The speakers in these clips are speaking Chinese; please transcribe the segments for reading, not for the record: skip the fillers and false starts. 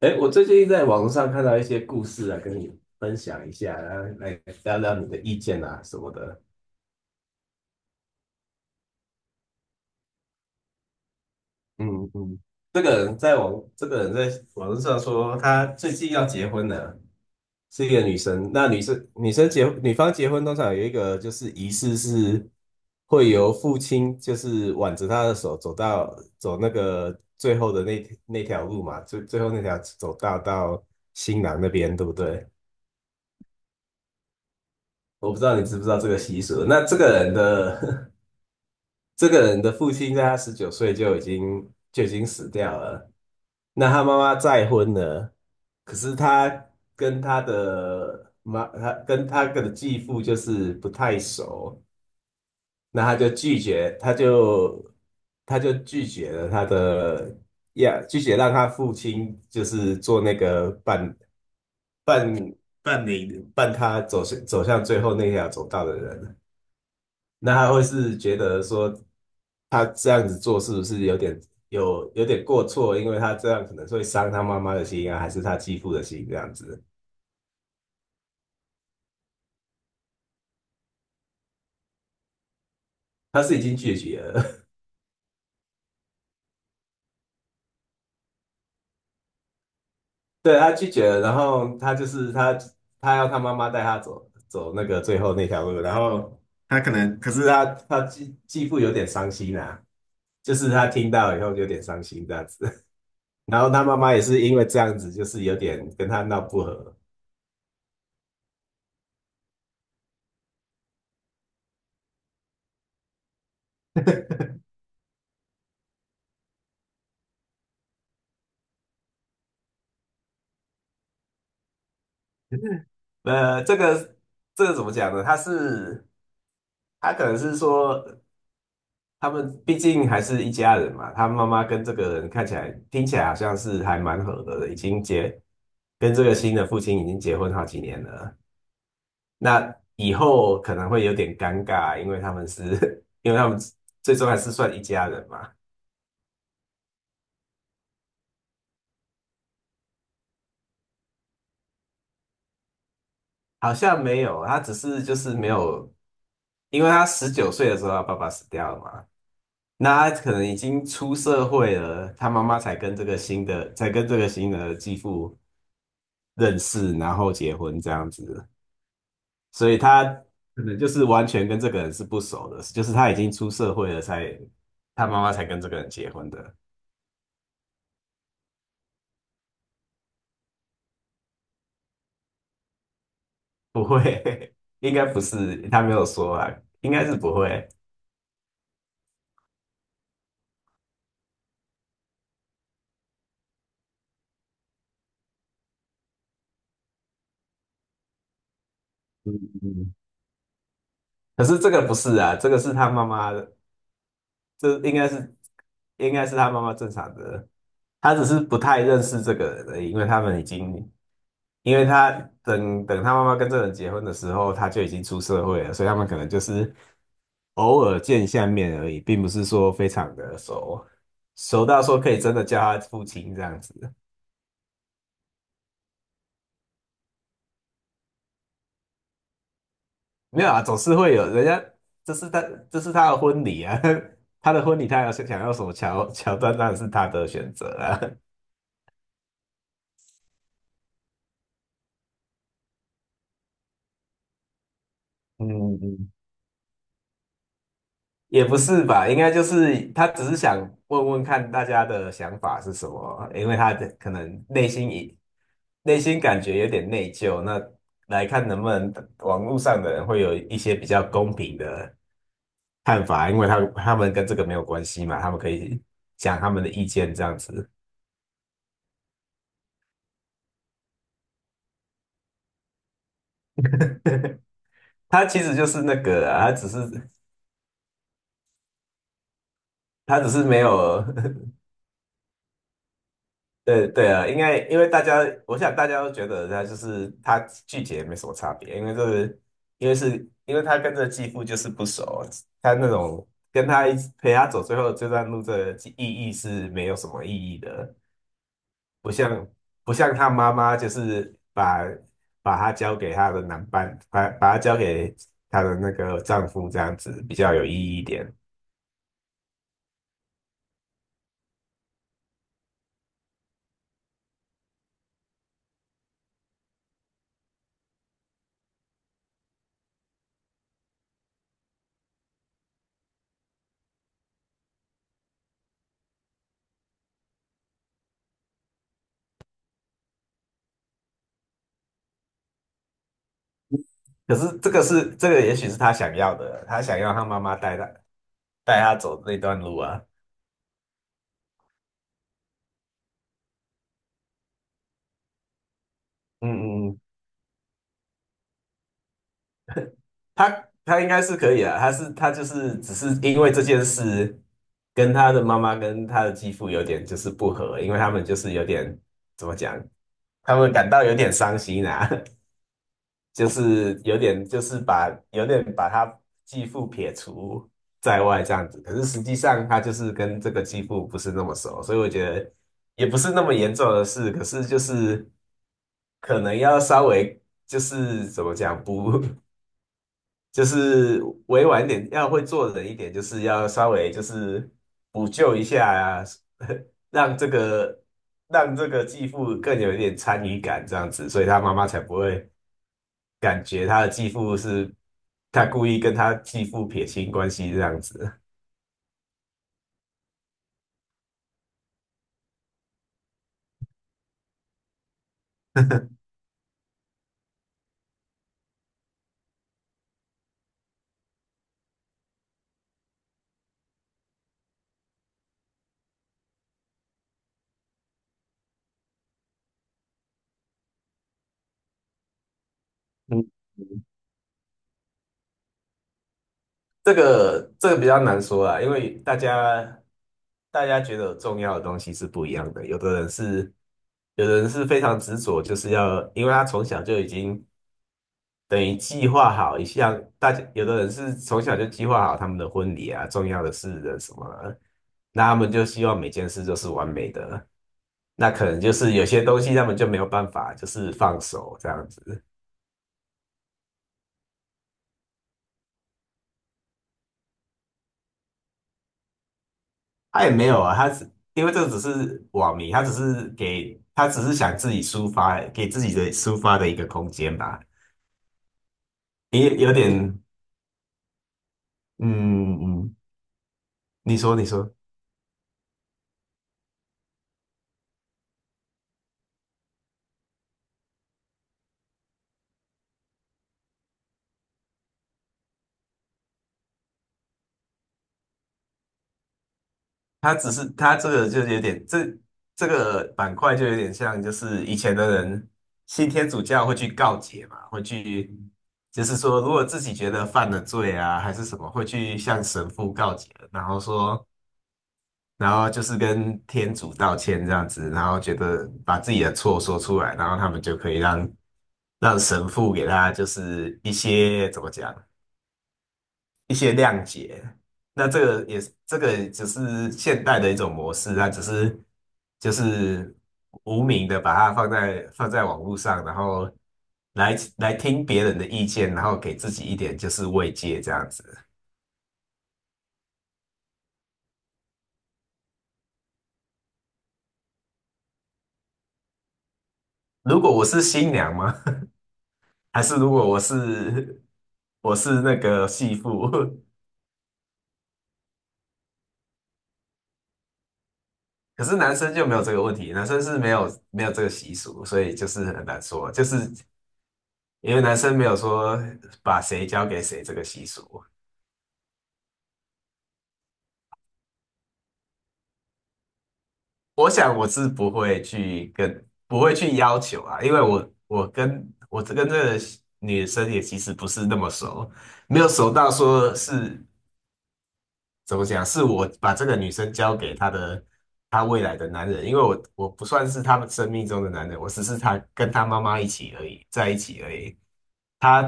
哎，我最近在网络上看到一些故事啊，跟你分享一下，然后来聊聊你的意见啊什么的。嗯嗯，这个人在网络上说他最近要结婚了，是一个女生。那女方结婚通常有一个就是仪式是会由父亲就是挽着她的手走那个最后的那条路嘛，最后那条走道到新郎那边，对不对？我不知道你知不知道这个习俗。那这个人的 这个人的父亲在他19岁就已经死掉了。那他妈妈再婚了，可是他跟他的妈，他跟他的继父就是不太熟，那他就拒绝，他就拒绝了他的呀，拒绝让他父亲就是做那个伴伴他走向最后那条走道的人。那他会是觉得说，他这样子做是不是有点过错？因为他这样可能会伤他妈妈的心啊，还是他继父的心这样子？他是已经拒绝了，对，他拒绝了，然后他要他妈妈带他走那个最后那条路，然后可是他继父有点伤心啊，就是他听到以后有点伤心这样子，然后他妈妈也是因为这样子，就是有点跟他闹不和。呃，这个这个怎么讲呢？他可能是说，他们毕竟还是一家人嘛。他妈妈跟这个人看起来、听起来好像是还蛮合的，已经结跟这个新的父亲已经结婚好几年了。那以后可能会有点尴尬，因为他们是，因为他们最终还是算一家人嘛。好像没有，他只是就是没有，因为他十九岁的时候，他爸爸死掉了嘛。那他可能已经出社会了，他妈妈才跟这个新的，才跟这个新的继父，认识，然后结婚这样子，所以他可能就是完全跟这个人是不熟的，就是他已经出社会了才，他妈妈才跟这个人结婚的，不会，应该不是，他没有说啊，应该是不会。嗯嗯，可是这个不是啊，这个是他妈妈的，这应该是他妈妈正常的，他只是不太认识这个人而已，因为他等等他妈妈跟这个人结婚的时候，他就已经出社会了，所以他们可能就是偶尔见一下面而已，并不是说非常的熟，熟到说可以真的叫他父亲这样子。没有啊，总是会有人家，这是他，这是他的婚礼啊，他的婚礼，他要想要什么桥段，当然是他的选择啊。嗯嗯，也不是吧，应该就是他只是想问问看大家的想法是什么，因为他的可能内心感觉有点内疚，那来看能不能网络上的人会有一些比较公平的，看法，因为他们跟这个没有关系嘛，他们可以讲他们的意见这样子。他其实就是那个啊，他只是没有，对对啊，应该因为大家，我想大家都觉得他就是他拒绝没什么差别，因为是因为他跟这继父就是不熟，他那种跟他一起陪他走最后这段路的意义是没有什么意义的。不像不像她妈妈，就是把她交给她的男伴，把她交给她的那个丈夫，这样子比较有意义一点。可是也许是她想要的，她想要她妈妈带她走那段路啊。嗯嗯嗯，她应该是可以啊，她就是只是因为这件事，跟她的妈妈跟她的继父有点就是不合，因为他们就是有点怎么讲，他们感到有点伤心啊。就是有点把他继父撇除在外这样子，可是实际上他就是跟这个继父不是那么熟，所以我觉得也不是那么严重的事，可是就是可能要稍微就是怎么讲不 就是委婉一点，要会做人一点，就是要稍微就是补救一下啊，让这个让这个继父更有一点参与感这样子，所以他妈妈才不会，感觉他的继父是他故意跟他继父撇清关系这样子。嗯，嗯，这个比较难说啊，因为大家觉得重要的东西是不一样的，有的人是非常执着，就是要，因为他从小就已经等于计划好一下，大家有的人是从小就计划好他们的婚礼啊、重要的事的什么的那他们就希望每件事都是完美的，那可能就是有些东西他们就没有办法，就是放手这样子。他也没有啊，他只因为这只是网民，他只是想自己抒发，给自己的抒发的一个空间吧，也有点嗯嗯，嗯，你说你说。他只是他这个就有点，这个板块就有点像，就是以前的人信天主教会去告解嘛，会去就是说，如果自己觉得犯了罪啊，还是什么，会去向神父告解，然后说，然后就是跟天主道歉这样子，然后觉得把自己的错说出来，然后他们就可以让神父给他就是一些怎么讲，一些谅解。那这个也是，这个只是现代的一种模式，它只是就是无名的把它放在网络上，然后来听别人的意见，然后给自己一点就是慰藉这样子。如果我是新娘吗？还是如果我是那个媳妇？可是男生就没有这个问题，男生是没有这个习俗，所以就是很难说，就是因为男生没有说把谁交给谁这个习俗。我想我是不会去要求啊，因为我跟这个女生也其实不是那么熟，没有熟到说是怎么讲，是我把这个女生交给她未来的男人，因为我不算是他们生命中的男人，我只是她跟她妈妈一起而已，在一起而已。她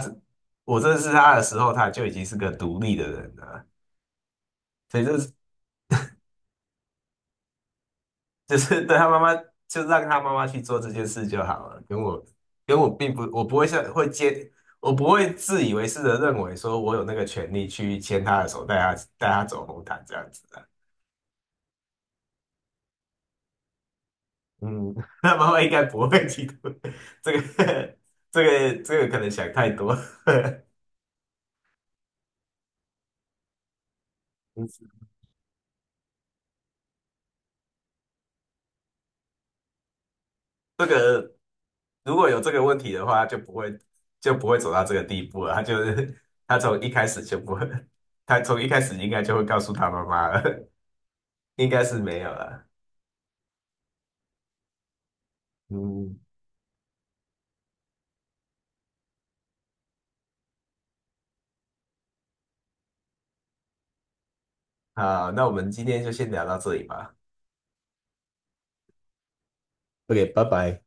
我认识她的时候，她就已经是个独立的人了，所以这 就是对他妈妈，就让他妈妈去做这件事就好了。跟我并不，我不会自以为是的认为说我有那个权利去牵他的手，带他走红毯这样子的。嗯，那妈妈应该不会嫉妒。这个 这这个可能想太多。嗯这个如果有这个问题的话，就不会走到这个地步了。他就是他从一开始就不会，他从一开始应该就会告诉他妈妈了，应该是没有了。嗯，好，那我们今天就先聊到这里吧。OK,拜拜。